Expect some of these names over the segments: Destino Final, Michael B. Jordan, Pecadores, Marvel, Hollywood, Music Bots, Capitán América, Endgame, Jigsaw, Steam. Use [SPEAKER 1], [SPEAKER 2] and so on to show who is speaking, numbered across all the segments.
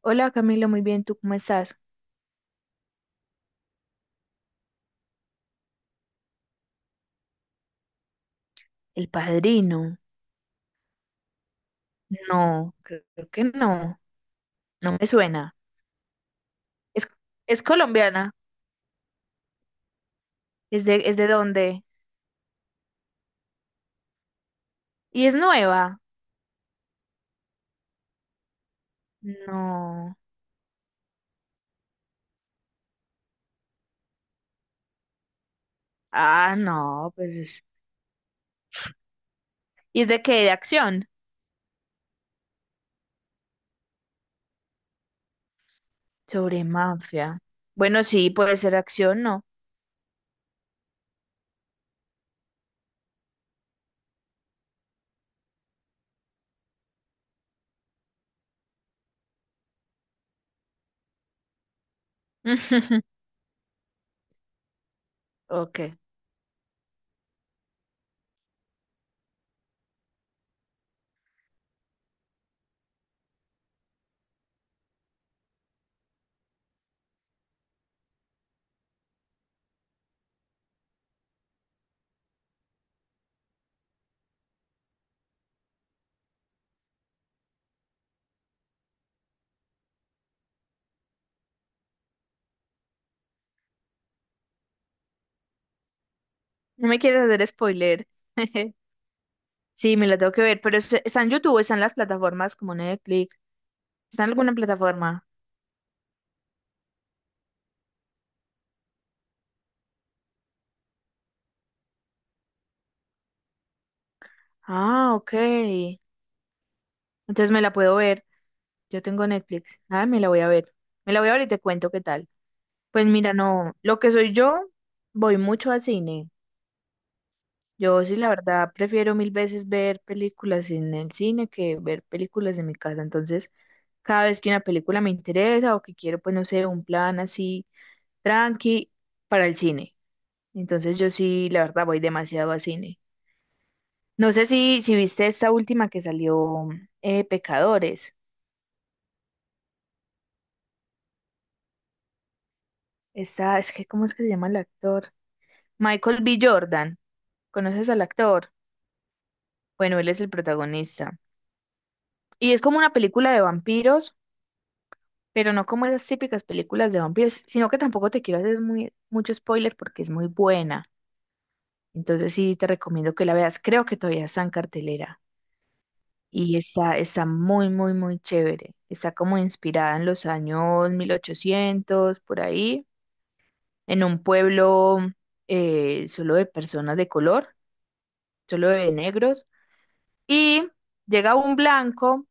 [SPEAKER 1] Hola Camilo, muy bien, ¿tú cómo estás? El Padrino. No, creo que no, no me suena. Es, es colombiana, ¿es de dónde? ¿Y es nueva? No. Ah, no, pues es. ¿Y es de qué? ¿De acción? Sobre mafia. Bueno, sí, puede ser acción, ¿no? Ok. No me quieres hacer spoiler. Sí, me la tengo que ver, pero ¿está en YouTube o está en las plataformas como Netflix? ¿Está en alguna plataforma? Ah, ok. Entonces me la puedo ver. Yo tengo Netflix. Ah, me la voy a ver. Me la voy a ver y te cuento qué tal. Pues mira, no, lo que soy yo, voy mucho al cine. Yo sí, la verdad, prefiero mil veces ver películas en el cine que ver películas en mi casa. Entonces, cada vez que una película me interesa o que quiero, pues no sé, un plan así tranqui para el cine. Entonces, yo sí, la verdad, voy demasiado al cine. No sé si viste esta última que salió, Pecadores. Esta, es que, ¿cómo es que se llama el actor? Michael B. Jordan. ¿Conoces al actor? Bueno, él es el protagonista. Y es como una película de vampiros, pero no como esas típicas películas de vampiros, sino que tampoco te quiero hacer muy, mucho spoiler porque es muy buena. Entonces sí te recomiendo que la veas. Creo que todavía está en cartelera. Y está muy, muy, muy chévere. Está como inspirada en los años 1800 por ahí, en un pueblo solo de personas de color, solo de negros. Y llega un blanco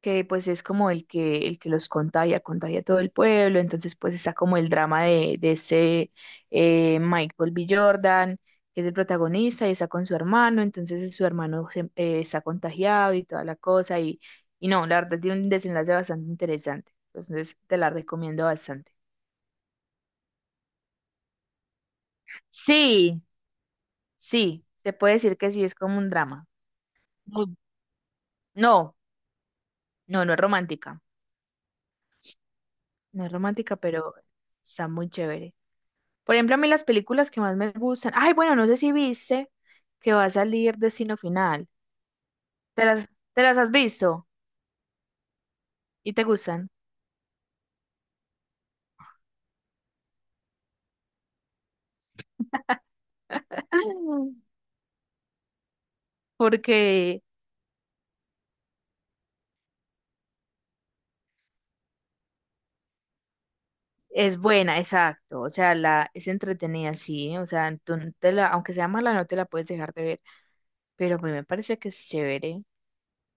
[SPEAKER 1] que pues es como el que los contagia, contagia a todo el pueblo, entonces pues está como el drama de ese Michael B. Jordan, que es el protagonista y está con su hermano, entonces su hermano está contagiado y toda la cosa, y no, la verdad tiene un desenlace bastante interesante, entonces te la recomiendo bastante. Sí, sí, se puede decir que sí, es como un drama. Muy- No, no, no es romántica, no es romántica, pero está muy chévere. Por ejemplo, a mí las películas que más me gustan. Ay, bueno, no sé si viste que va a salir Destino Final. ¿Te las, te las has visto y te gustan? Porque es buena, exacto. O sea, es entretenida, sí. O sea, tú no te la, aunque sea mala, no te la puedes dejar de ver. Pero a mí me parece que es chévere.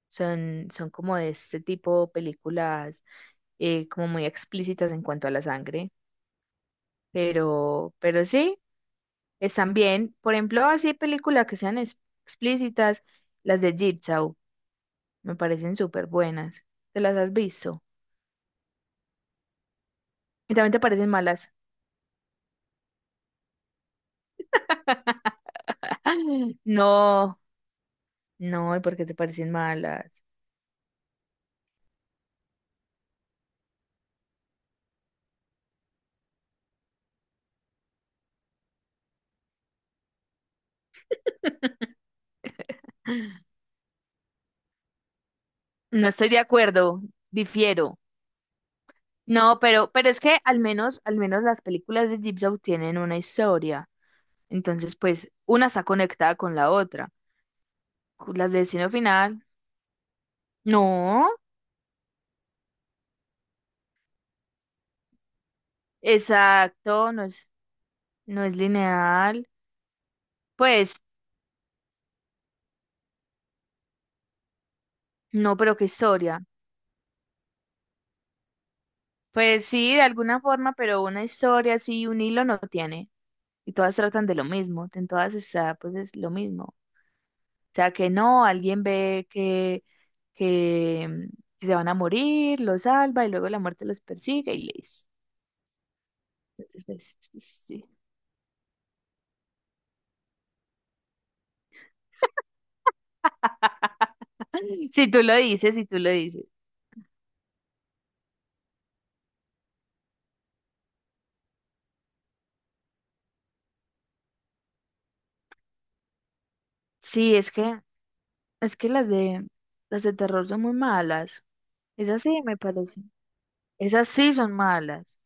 [SPEAKER 1] Son como de este tipo películas como muy explícitas en cuanto a la sangre. Pero sí. Están bien. Por ejemplo, así películas que sean explícitas, las de Jigsaw, me parecen súper buenas. ¿Te las has visto? Y también te parecen malas. ¡Ah! No, no, ¿y por qué te parecen malas? No estoy de acuerdo, difiero. No, pero es que al menos las películas de Jigsaw tienen una historia. Entonces, pues, una está conectada con la otra. Las de Destino Final, no, exacto, no es lineal. Pues no, pero qué historia. Pues sí, de alguna forma, pero una historia así, un hilo no tiene. Y todas tratan de lo mismo. En todas está, pues es lo mismo. O sea, que no, alguien ve que, mm, que se van a morir, los salva y luego la muerte los persigue y listo. Entonces, pues, sí. Si tú lo dices, si tú lo dices. Sí, es que las de terror son muy malas. Esas sí me parecen. Esas sí son malas,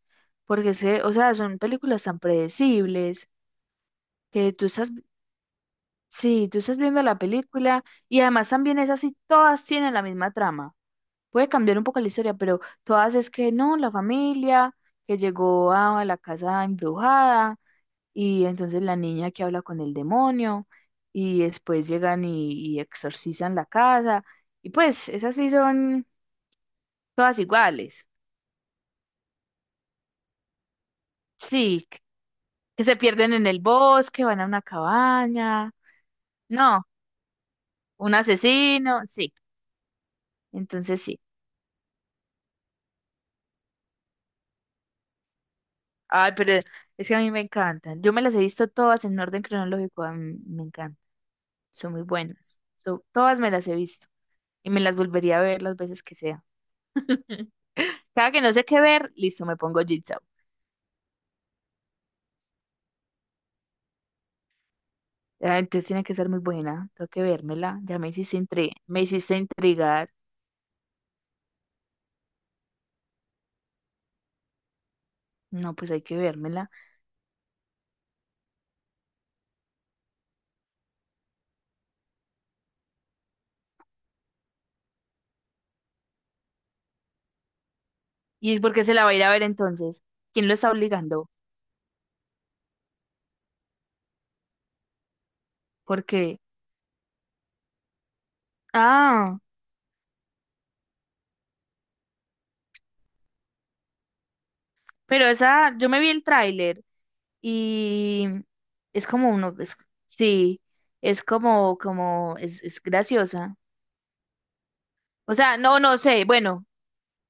[SPEAKER 1] porque o sea, son películas tan predecibles que tú estás, sí, tú estás viendo la película y además también esas sí todas tienen la misma trama. Puede cambiar un poco la historia, pero todas es que no, la familia que llegó a la casa embrujada y entonces la niña que habla con el demonio y después llegan y exorcizan la casa y pues esas sí son todas iguales. Sí, que se pierden en el bosque, van a una cabaña. No, un asesino, sí. Entonces sí. Ay, pero es que a mí me encantan. Yo me las he visto todas en orden cronológico. A mí me encantan. Son muy buenas. Todas me las he visto y me las volvería a ver las veces que sea. Cada que no sé qué ver, listo, me pongo Jigsaw. Ah, entonces tiene que ser muy buena. Tengo que vérmela. Ya me hiciste intrigar. No, pues hay que vérmela. ¿Y por qué se la va a ir a ver entonces? ¿Quién lo está obligando? Porque... Ah. Pero esa, yo me vi el tráiler y es como uno, sí, es como, es graciosa. O sea, no, no sé, bueno,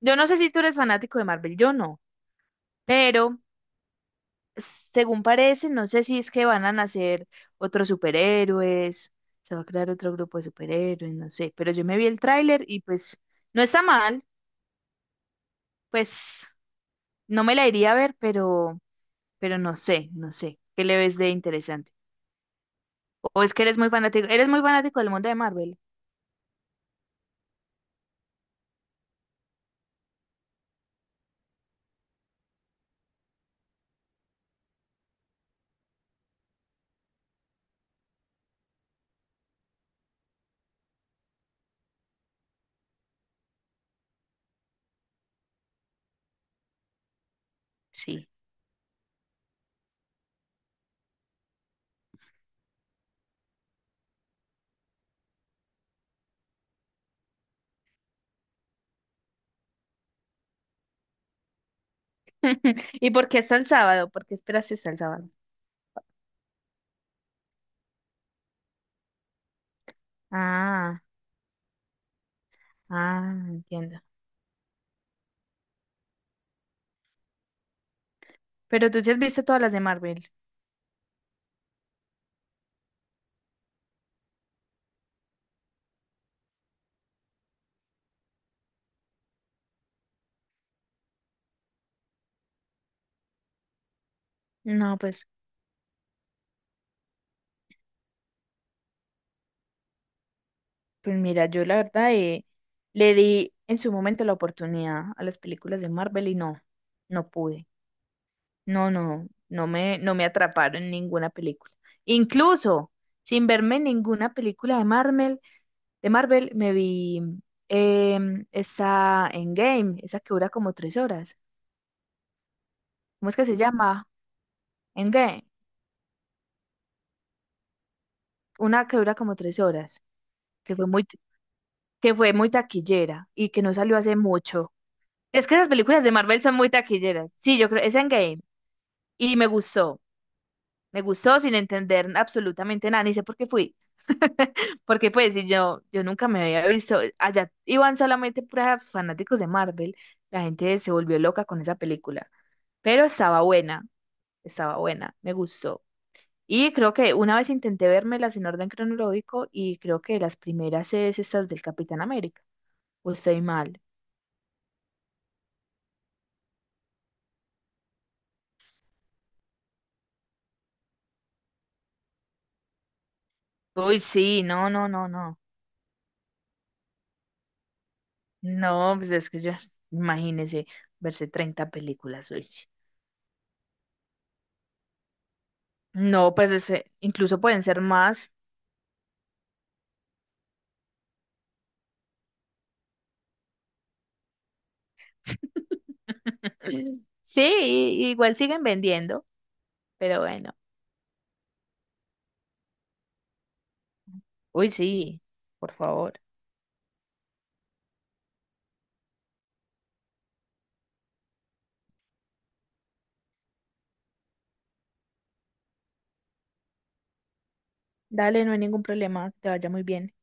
[SPEAKER 1] yo no sé si tú eres fanático de Marvel, yo no, pero según parece, no sé si es que van a nacer otros superhéroes, se va a crear otro grupo de superhéroes, no sé, pero yo me vi el tráiler y pues no está mal, pues no me la iría a ver, pero no sé, ¿qué le ves de interesante? O es que eres muy fanático del mundo de Marvel. Sí. ¿Y por qué hasta el sábado? ¿Por qué esperas si hasta el sábado? Ah, ah, entiendo. Pero tú te has visto todas las de Marvel. No, pues mira, yo la verdad le di en su momento la oportunidad a las películas de Marvel y no, no pude. No, no, no me atraparon en ninguna película. Incluso sin verme ninguna película de Marvel. De Marvel me vi esa Endgame, esa que dura como 3 horas. ¿Cómo es que se llama? Endgame. Una que dura como 3 horas, que fue muy, que fue muy taquillera y que no salió hace mucho. Es que esas películas de Marvel son muy taquilleras. Sí, yo creo, es Endgame. Y me gustó sin entender absolutamente nada, ni sé por qué fui. Porque pues si yo nunca me había visto, allá iban solamente puras fanáticos de Marvel, la gente se volvió loca con esa película, pero estaba buena. Estaba buena, me gustó. Y creo que una vez intenté vermelas en orden cronológico y creo que las primeras es estas del Capitán América. ¿O estoy mal? Uy, sí, no, no, no, no. No, pues es que ya, imagínese verse 30 películas, uy. No, pues incluso pueden ser más. Sí, igual siguen vendiendo, pero bueno. Uy, sí, por favor. Dale, no hay ningún problema, que te vaya muy bien.